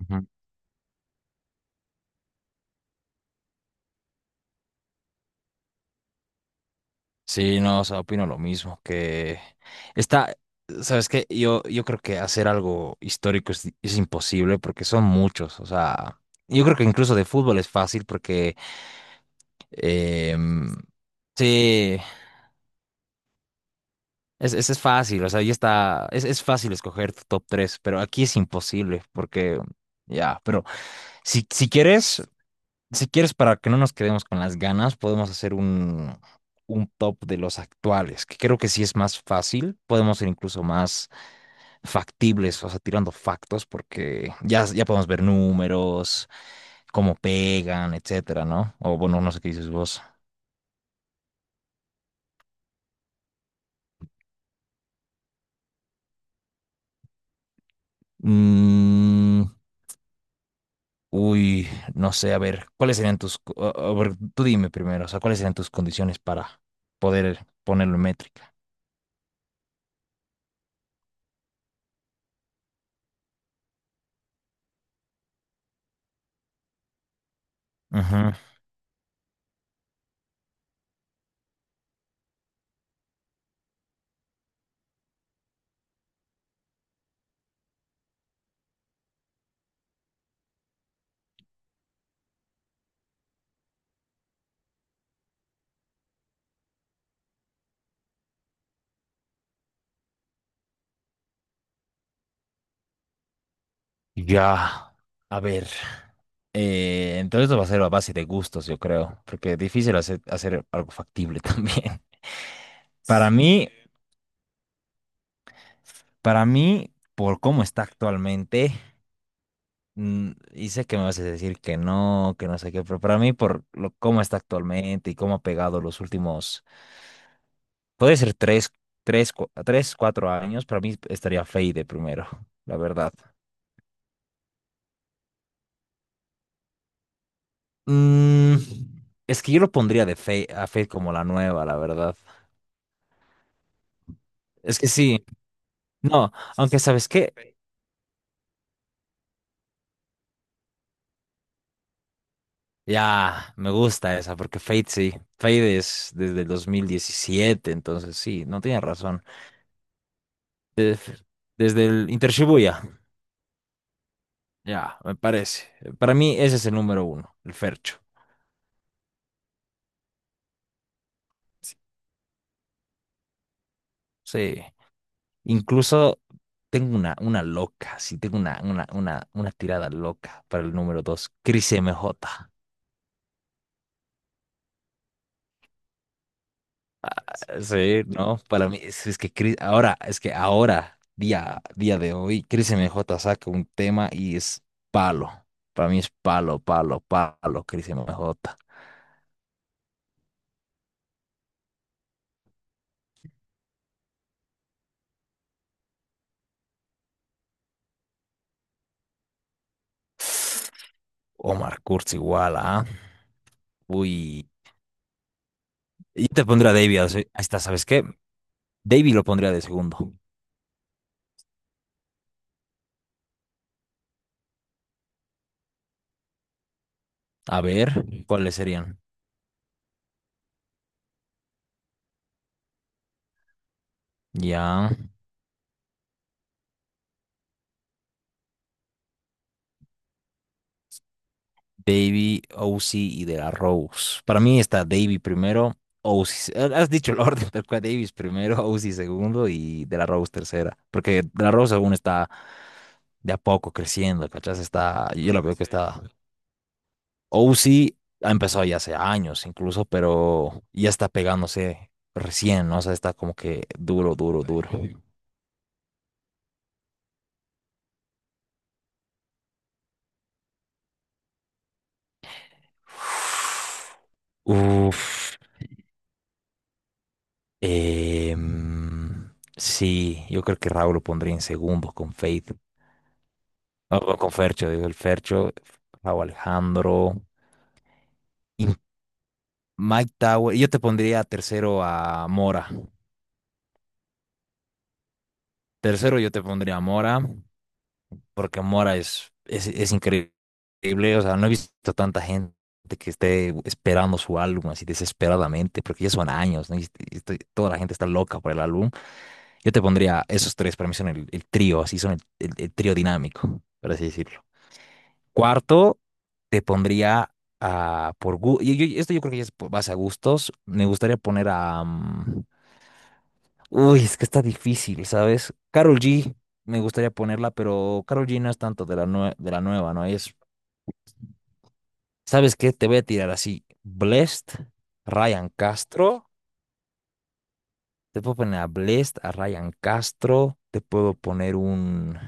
Ujú. Sí, no, o sea, opino lo mismo, que está, sabes que yo creo que hacer algo histórico es imposible porque son muchos, o sea, yo creo que incluso de fútbol es fácil porque, em, sí, es fácil, o sea, ya está, es fácil escoger tu top 3 pero aquí es imposible porque, ya, pero si quieres... Si quieres, para que no nos quedemos con las ganas, podemos hacer un, top de los actuales, que creo que sí es más fácil. Podemos ser incluso más factibles, o sea, tirando factos, porque ya podemos ver números, cómo pegan, etcétera, ¿no? O bueno, no sé qué dices vos. Mm, uy, no sé, a ver, ¿cuáles serían tus? A a ver, tú dime primero. O sea, ¿cuáles serían tus condiciones para poder ponerlo en métrica? Ujú. Ya, a ver. Entonces va a ser a base de gustos, yo creo, porque es difícil hacer algo factible también. Para, sí, mí, por cómo está actualmente, y sé que me vas a decir que no sé qué, pero para mí, por lo, cómo está actualmente y cómo ha pegado los últimos, puede ser tres, 4 años, para mí estaría Fade primero, la verdad. Mm, es que yo lo pondría de Fade, a Fade como la nueva, la verdad. Es que sí, no, aunque ¿sabes qué? Ya, me gusta esa, porque Fade sí. Fade es desde el 2017, entonces sí, no tiene razón. De- Desde, el Inter Shibuya, ya, me parece. Para mí ese es el número uno, el Fercho. Sí. Incluso tengo una loca, sí, tengo una tirada loca para el número dos, Cris MJ. Sí, no, para mí es que ahora, día de hoy, Chris MJ saca un tema y es palo. Para mí es palo, palo, palo, Chris MJ. Omar Kurz igual, ¿ah? Uy. Y te pondría a Davey, ahí está, ¿sabes qué? Davey lo pondría de segundo. A ver, ¿cuáles serían? Ya. Davey, Ozzy y De La Rose. Para mí está Davey primero, Ozzy. Has dicho el orden, tal cual. Davies primero, Ozzy segundo y De La Rose tercera. Porque De La Rose aún está de a poco creciendo, ¿cachás? Está, yo lo veo que, sí, está. Ozzy ha empezado ya hace años incluso, pero ya está pegándose recién, ¿no? O sea, está como que duro, duro, duro. Uf. Sí, yo creo que Raúl lo pondría en segundos con Faith, no, no, con Fercho, digo, el Fercho, Raúl Alejandro, y Mike Tower. Yo te pondría tercero a Mora. Tercero yo te pondría a Mora, porque Mora es increíble. O sea, no he visto tanta gente que esté esperando su álbum así desesperadamente, porque ya son años, ¿no? Toda la gente está loca por el álbum. Yo te pondría esos tres, para mí son el trío, así son el trío dinámico, por así decirlo. Cuarto, te pondría a, por gu- y- esto yo creo que ya es más a gustos, me gustaría poner a, uy, es que está difícil, ¿sabes? Carol G, me gustaría ponerla, pero Carol G no es tanto de la, de la nueva, ¿no? Ella es, ¿sabes qué? Te voy a tirar así, Blessed, Ryan Castro, te puedo poner a Blessed, a Ryan Castro, te puedo poner un...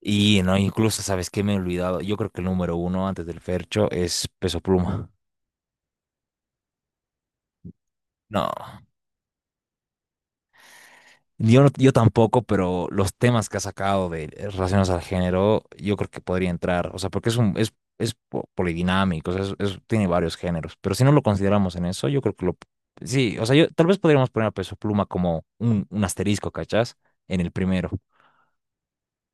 Y no, incluso, ¿sabes qué? Me he olvidado. Yo creo que el número uno antes del Fercho es Peso Pluma. No, yo tampoco, pero los temas que ha sacado de relacionados al género, yo creo que podría entrar. O sea, porque es polodinámico, o sea, tiene varios géneros. Pero si no lo consideramos en eso, yo creo que lo. Sí, o sea, yo, tal vez podríamos poner a Peso Pluma como un, asterisco, ¿cachás? En el primero.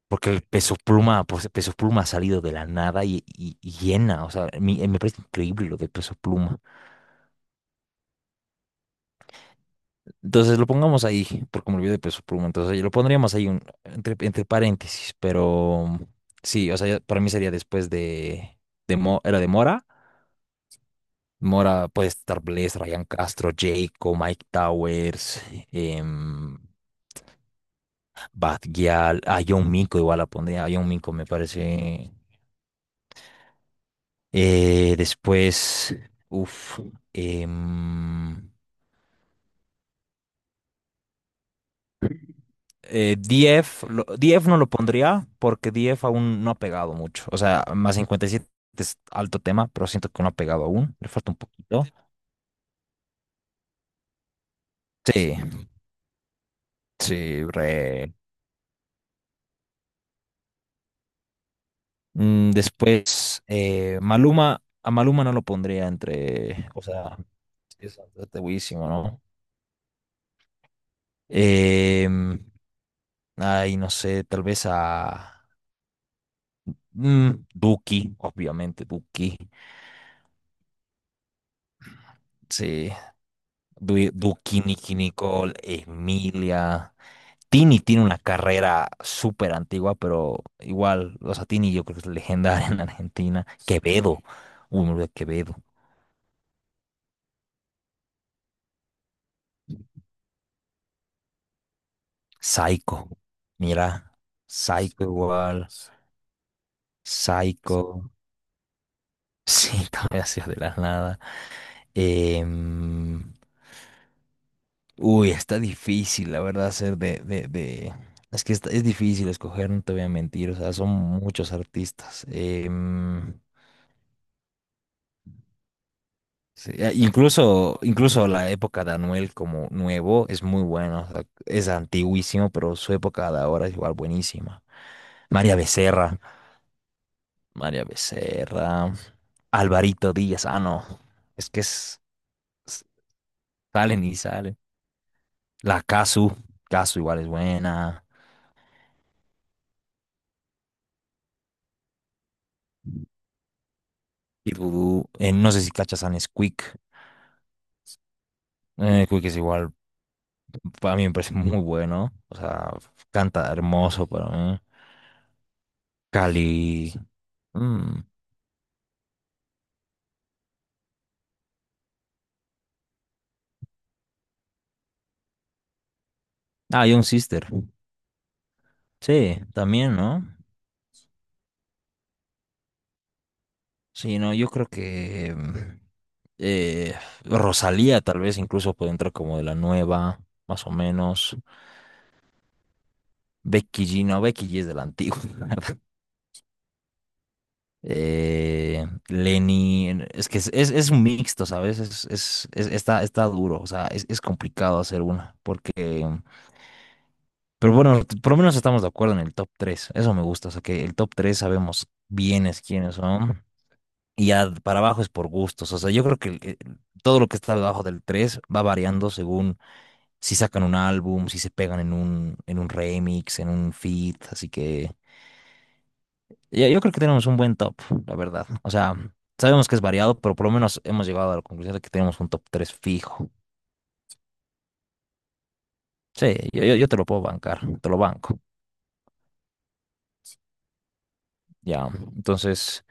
Porque el Peso Pluma, pues Peso Pluma ha salido de la nada y, y llena. O sea, me parece increíble lo de Peso Pluma. Entonces lo pongamos ahí, porque me olvidé de peso por un momento. O sea, yo lo pondríamos ahí entre, paréntesis, pero sí, o sea, para mí sería después de Mo- era de Mora. Mora puede estar Blaze, Ryan Castro, Jayco, Mike Towers, em, Bad Gyal, a John Minko igual la pondría. A John Minko me parece. Después, uff, DF no lo pondría porque DF aún no ha pegado mucho. O sea, más 57 es alto tema, pero siento que no ha pegado aún. Le falta un poquito. Sí, sí, re. Después, Maluma, a Maluma no lo pondría entre. O sea, sí, es bastante buenísimo, ¿no? Em, Ay, no sé, tal vez a. Duki, obviamente, Duki. Sí, Duki, Nicki Nicole, Emilia. Tini tiene una carrera súper antigua, pero igual, o sea, Tini yo creo que es legendaria en Argentina. Quevedo, uy, me olvidé de Quevedo. Saico, mira, Saico igual, Saico, sí, también hacía de la nada. Em, Uy, está difícil, la verdad, hacer es que es difícil escoger, no te voy a mentir, o sea, son muchos artistas. Sí, incluso la época de Anuel como nuevo es muy buena. O sea, es antiguísimo, pero su época de ahora es igual buenísima. María Becerra, María Becerra, Alvarito Díaz, ah, no. Es que es- salen y salen. La Casu, Casu igual es buena. Y Dudu, no sé si cachas a Nesquik. Quick es igual, para mí me parece muy bueno. O sea, canta hermoso para mí. Cali. mm, Ah, Young Sister. Sí, también, ¿no? Sí, no, yo creo que eh, Rosalía tal vez incluso puede entrar como de la nueva, más o menos. Becky G, no, Becky G es de la antigua. La verdad. Lenny, es que es un mixto, ¿sabes? Está duro, o sea, es complicado hacer una, porque pero bueno, por lo menos estamos de acuerdo en el top 3. Eso me gusta, o sea, que el top 3 sabemos bien es quiénes son. Y ya para abajo es por gustos. O sea, yo creo que todo lo que está debajo del 3 va variando según si sacan un álbum, si se pegan en un, remix, en un feat. Así que yo creo que tenemos un buen top, la verdad. O sea, sabemos que es variado, pero por lo menos hemos llegado a la conclusión de que tenemos un top 3 fijo. Sí, yo te lo puedo bancar, te lo banco. Ya, entonces.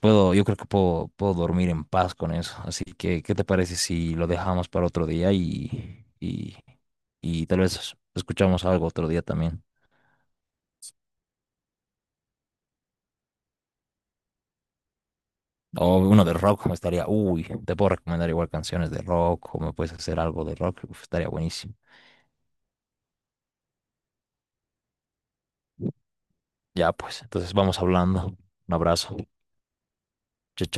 Yo creo que puedo dormir en paz con eso. Así que, ¿qué te parece si lo dejamos para otro día y, y tal vez escuchamos algo otro día también? O uno de rock, me estaría, uy, te puedo recomendar igual canciones de rock o me puedes hacer algo de rock, uf, estaría buenísimo. Ya pues, entonces vamos hablando. Un abrazo. Chao, chao.